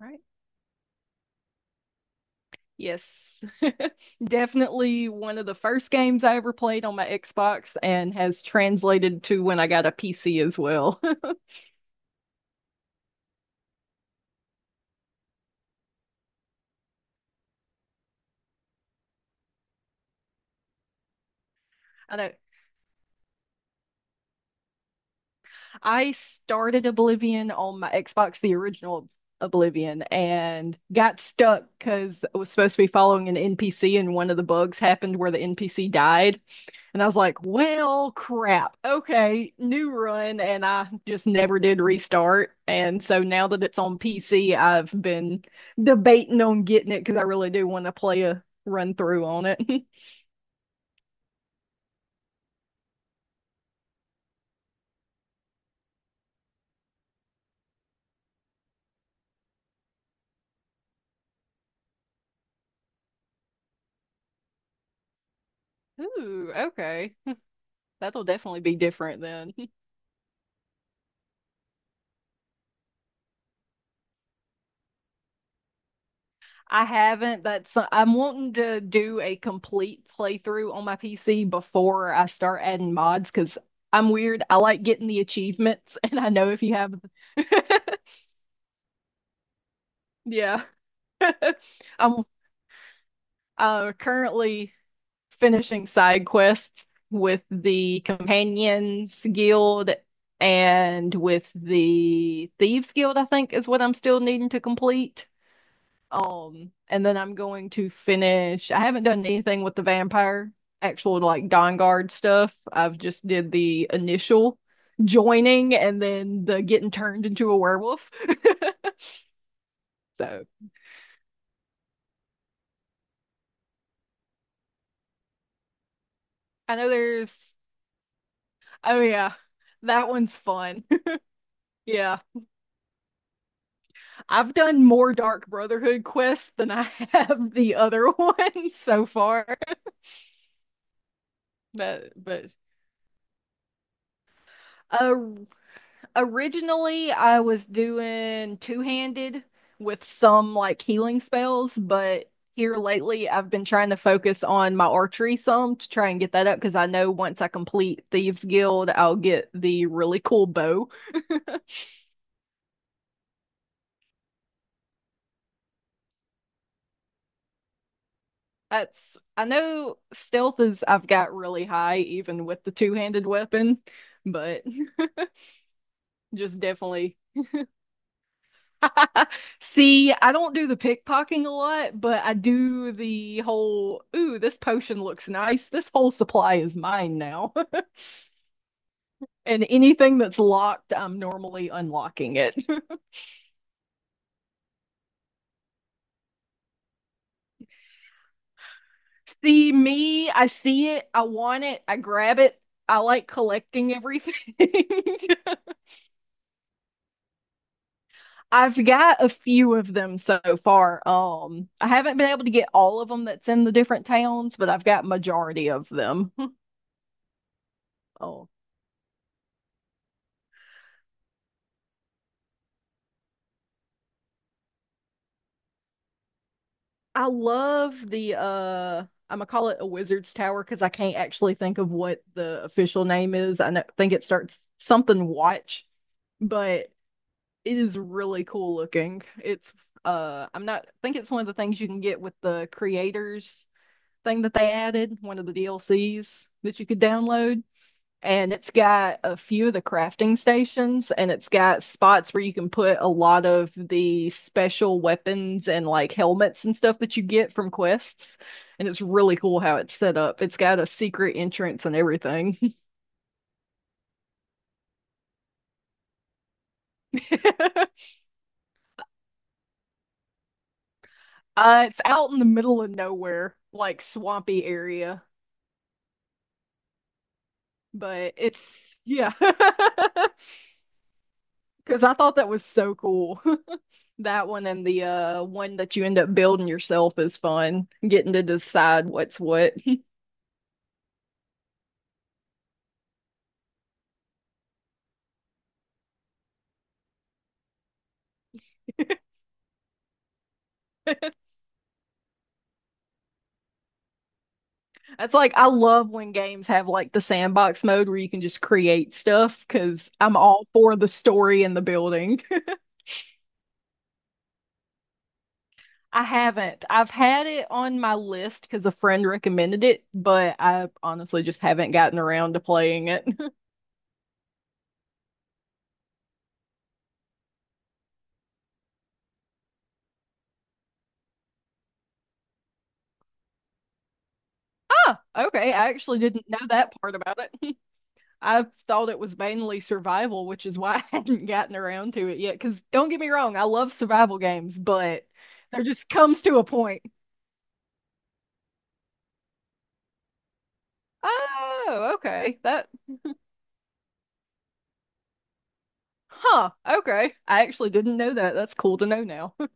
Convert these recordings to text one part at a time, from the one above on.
Right. Yes. Definitely one of the first games I ever played on my Xbox and has translated to when I got a PC as well. I know I started Oblivion on my Xbox, the original Oblivion, and got stuck because I was supposed to be following an NPC and one of the bugs happened where the NPC died. And I was like, well, crap. Okay, new run. And I just never did restart. And so now that it's on PC, I've been debating on getting it because I really do want to play a run through on it. Ooh, okay. That'll definitely be different then. I haven't. That's I'm wanting to do a complete playthrough on my PC before I start adding mods because I'm weird. I like getting the achievements, and I know if you have, yeah. I'm currently finishing side quests with the Companions Guild and with the Thieves Guild, I think is what I'm still needing to complete. And then I'm going to finish. I haven't done anything with the vampire actual like Dawn Guard stuff. I've just did the initial joining and then the getting turned into a werewolf. So I know there's. Oh yeah. That one's fun. Yeah. I've done more Dark Brotherhood quests than I have the other ones so far. But uh, originally I was doing two-handed with some like healing spells, but here lately I've been trying to focus on my archery some to try and get that up because I know once I complete Thieves Guild, I'll get the really cool bow. That's I know stealth is I've got really high even with the two-handed weapon, but just definitely. See, I don't do the pickpocketing a lot, but I do the whole, ooh, this potion looks nice. This whole supply is mine now. And anything that's locked, I'm normally unlocking it. See, me, I see it, I want it, I grab it. I like collecting everything. I've got a few of them so far. I haven't been able to get all of them that's in the different towns, but I've got majority of them. Oh, I love the I'm gonna call it a wizard's tower because I can't actually think of what the official name is. I know, think it starts something watch, but it is really cool looking. It's I'm not I think it's one of the things you can get with the creators thing that they added, one of the DLCs that you could download. And it's got a few of the crafting stations and it's got spots where you can put a lot of the special weapons and like helmets and stuff that you get from quests, and it's really cool how it's set up. It's got a secret entrance and everything. uh, it's out in the middle of nowhere, like swampy area, but it's yeah. Because I thought that was so cool. That one and the one that you end up building yourself is fun. Getting to decide what's what. That's like I love when games have like the sandbox mode where you can just create stuff because I'm all for the story and the building. I haven't. I've had it on my list because a friend recommended it, but I honestly just haven't gotten around to playing it. Ah, okay. I actually didn't know that part about it. I thought it was mainly survival, which is why I hadn't gotten around to it yet. Because don't get me wrong, I love survival games, but there just comes to a point. Oh, okay. That, huh. Okay. I actually didn't know that. That's cool to know now.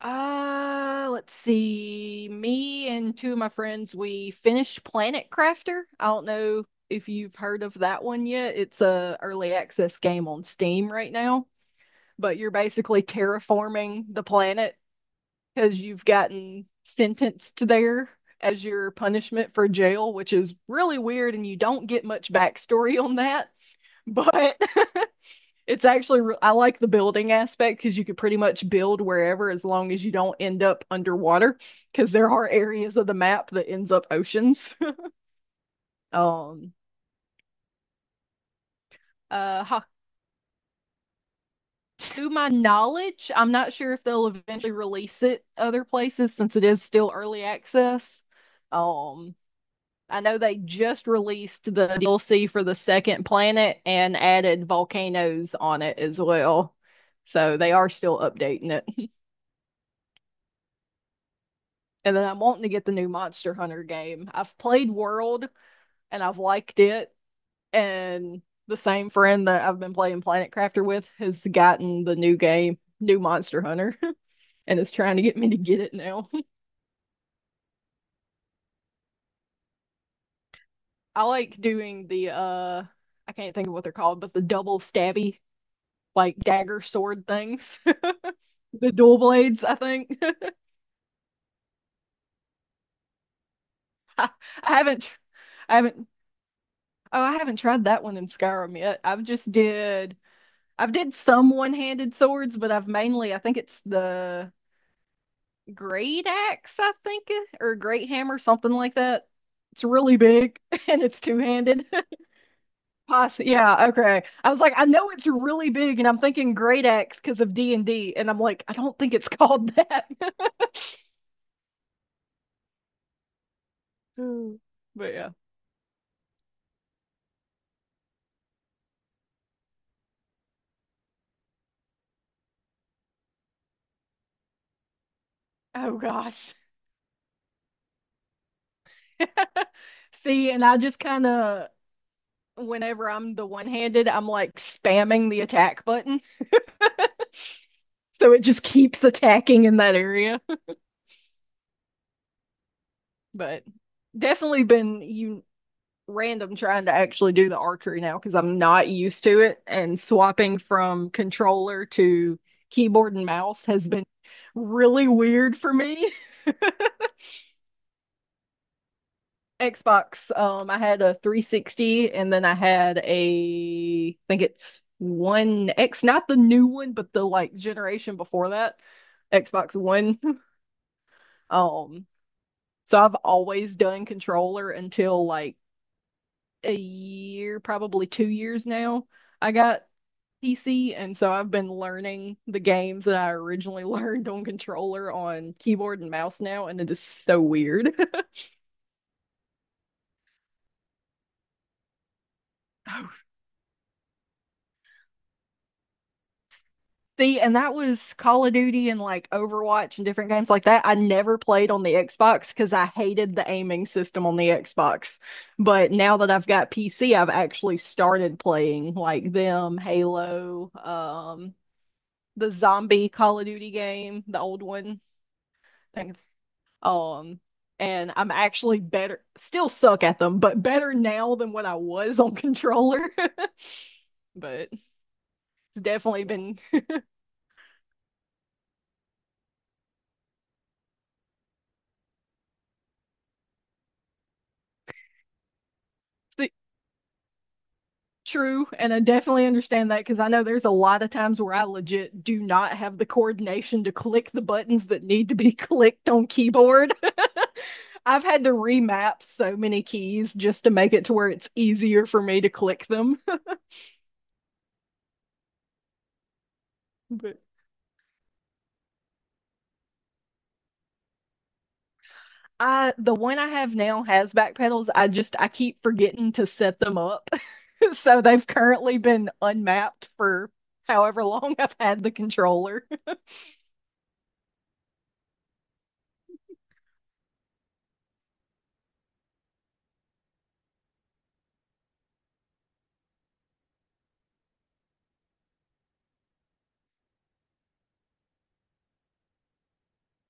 Let's see. Me and two of my friends, we finished Planet Crafter. I don't know if you've heard of that one yet. It's a early access game on Steam right now, but you're basically terraforming the planet because you've gotten sentenced there as your punishment for jail, which is really weird, and you don't get much backstory on that. But it's actually, I like the building aspect because you could pretty much build wherever as long as you don't end up underwater, because there are areas of the map that ends up oceans. um, uh, ha- to my knowledge, I'm not sure if they'll eventually release it other places since it is still early access. Um, I know they just released the DLC for the second planet and added volcanoes on it as well. So they are still updating it. And then I'm wanting to get the new Monster Hunter game. I've played World and I've liked it. And the same friend that I've been playing Planet Crafter with has gotten the new game, new Monster Hunter, and is trying to get me to get it now. I like doing the I can't think of what they're called, but the double stabby like dagger sword things. The dual blades, I think. I haven't, tr- I haven't, oh, I haven't tried that one in Skyrim yet. I've did some one-handed swords, but I've mainly, I think it's the great axe, I think, or great hammer, something like that. It's really big and it's two-handed. Poss yeah, okay. I was like, I know it's really big, and I'm thinking great axe because of D and D, and I'm like, I don't think it's called that. But yeah. Oh gosh. See, and I just kind of, whenever I'm the one-handed, I'm like spamming the attack button. So it just keeps attacking in that area. But definitely been you random trying to actually do the archery now because I'm not used to it. And swapping from controller to keyboard and mouse has been really weird for me. Xbox. I had a 360, and then I had a, I think it's One X, not the new one, but the like generation before that, Xbox One. Um, so I've always done controller until like a year, probably 2 years now. I got PC, and so I've been learning the games that I originally learned on controller on keyboard and mouse now, and it is so weird. See, and that was Call of Duty and like Overwatch and different games like that. I never played on the Xbox because I hated the aiming system on the Xbox. But now that I've got PC, I've actually started playing like them, Halo, the zombie Call of Duty game, the old one. Thank- Um, and I'm actually better, still suck at them, but better now than what I was on controller. But it's definitely been. True, and I definitely understand that because I know there's a lot of times where I legit do not have the coordination to click the buttons that need to be clicked on keyboard. I've had to remap so many keys just to make it to where it's easier for me to click them. But I the one I have now has back pedals. I keep forgetting to set them up. So they've currently been unmapped for however long I've had the controller.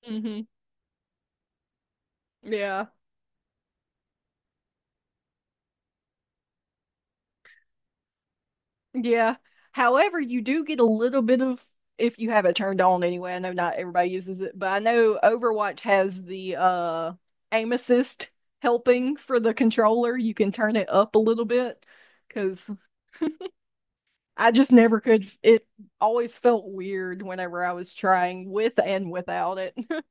hmm. Yeah. Yeah. However, you do get a little bit of if you have it turned on anyway. I know not everybody uses it, but I know Overwatch has the aim assist helping for the controller. You can turn it up a little bit because I just never could. It always felt weird whenever I was trying with and without it.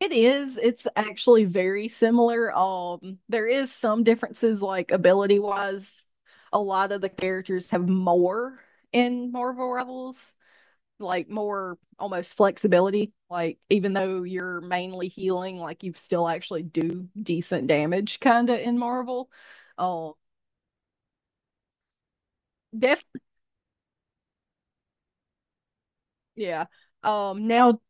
It is. It's actually very similar. There is some differences, like ability wise. A lot of the characters have more in Marvel Rebels, like more almost flexibility. Like even though you're mainly healing, like you still actually do decent damage, kinda in Marvel. Um, def yeah. Now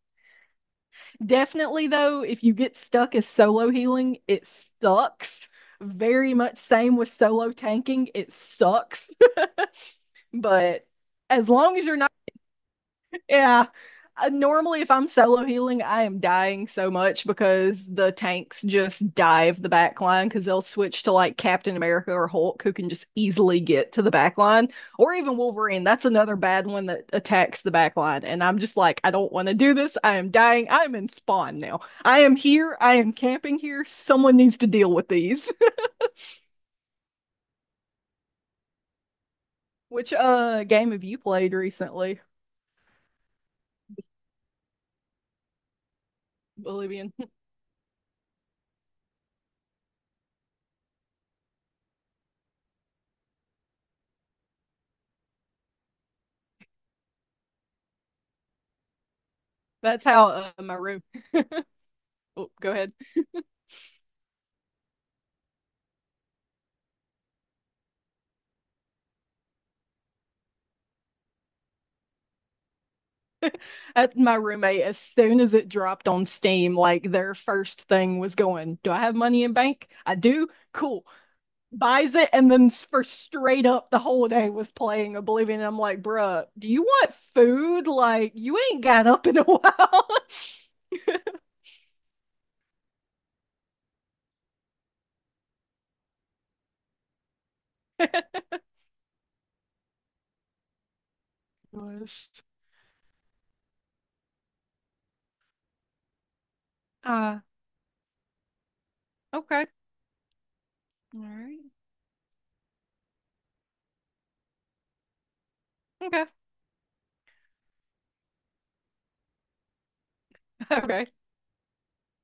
Definitely, though, if you get stuck as solo healing, it sucks. Very much same with solo tanking, it sucks. But as long as you're not yeah. Normally, if I'm solo healing, I am dying so much because the tanks just dive the back line because they'll switch to like Captain America or Hulk who can just easily get to the back line, or even Wolverine. That's another bad one that attacks the back line. And I'm just like, I don't want to do this. I am dying. I'm in spawn now. I am here. I am camping here. Someone needs to deal with these. Which game have you played recently? Bolivian. That's how my room. Oh, go ahead. At my roommate as soon as it dropped on Steam, like their first thing was going, do I have money in bank? I do. Cool. Buys it and then for straight up the whole day was playing Oblivion. And I'm like, bruh, do you want food? Like you ain't got up in a while. Gosh. Uh, okay. All right. Okay. Okay.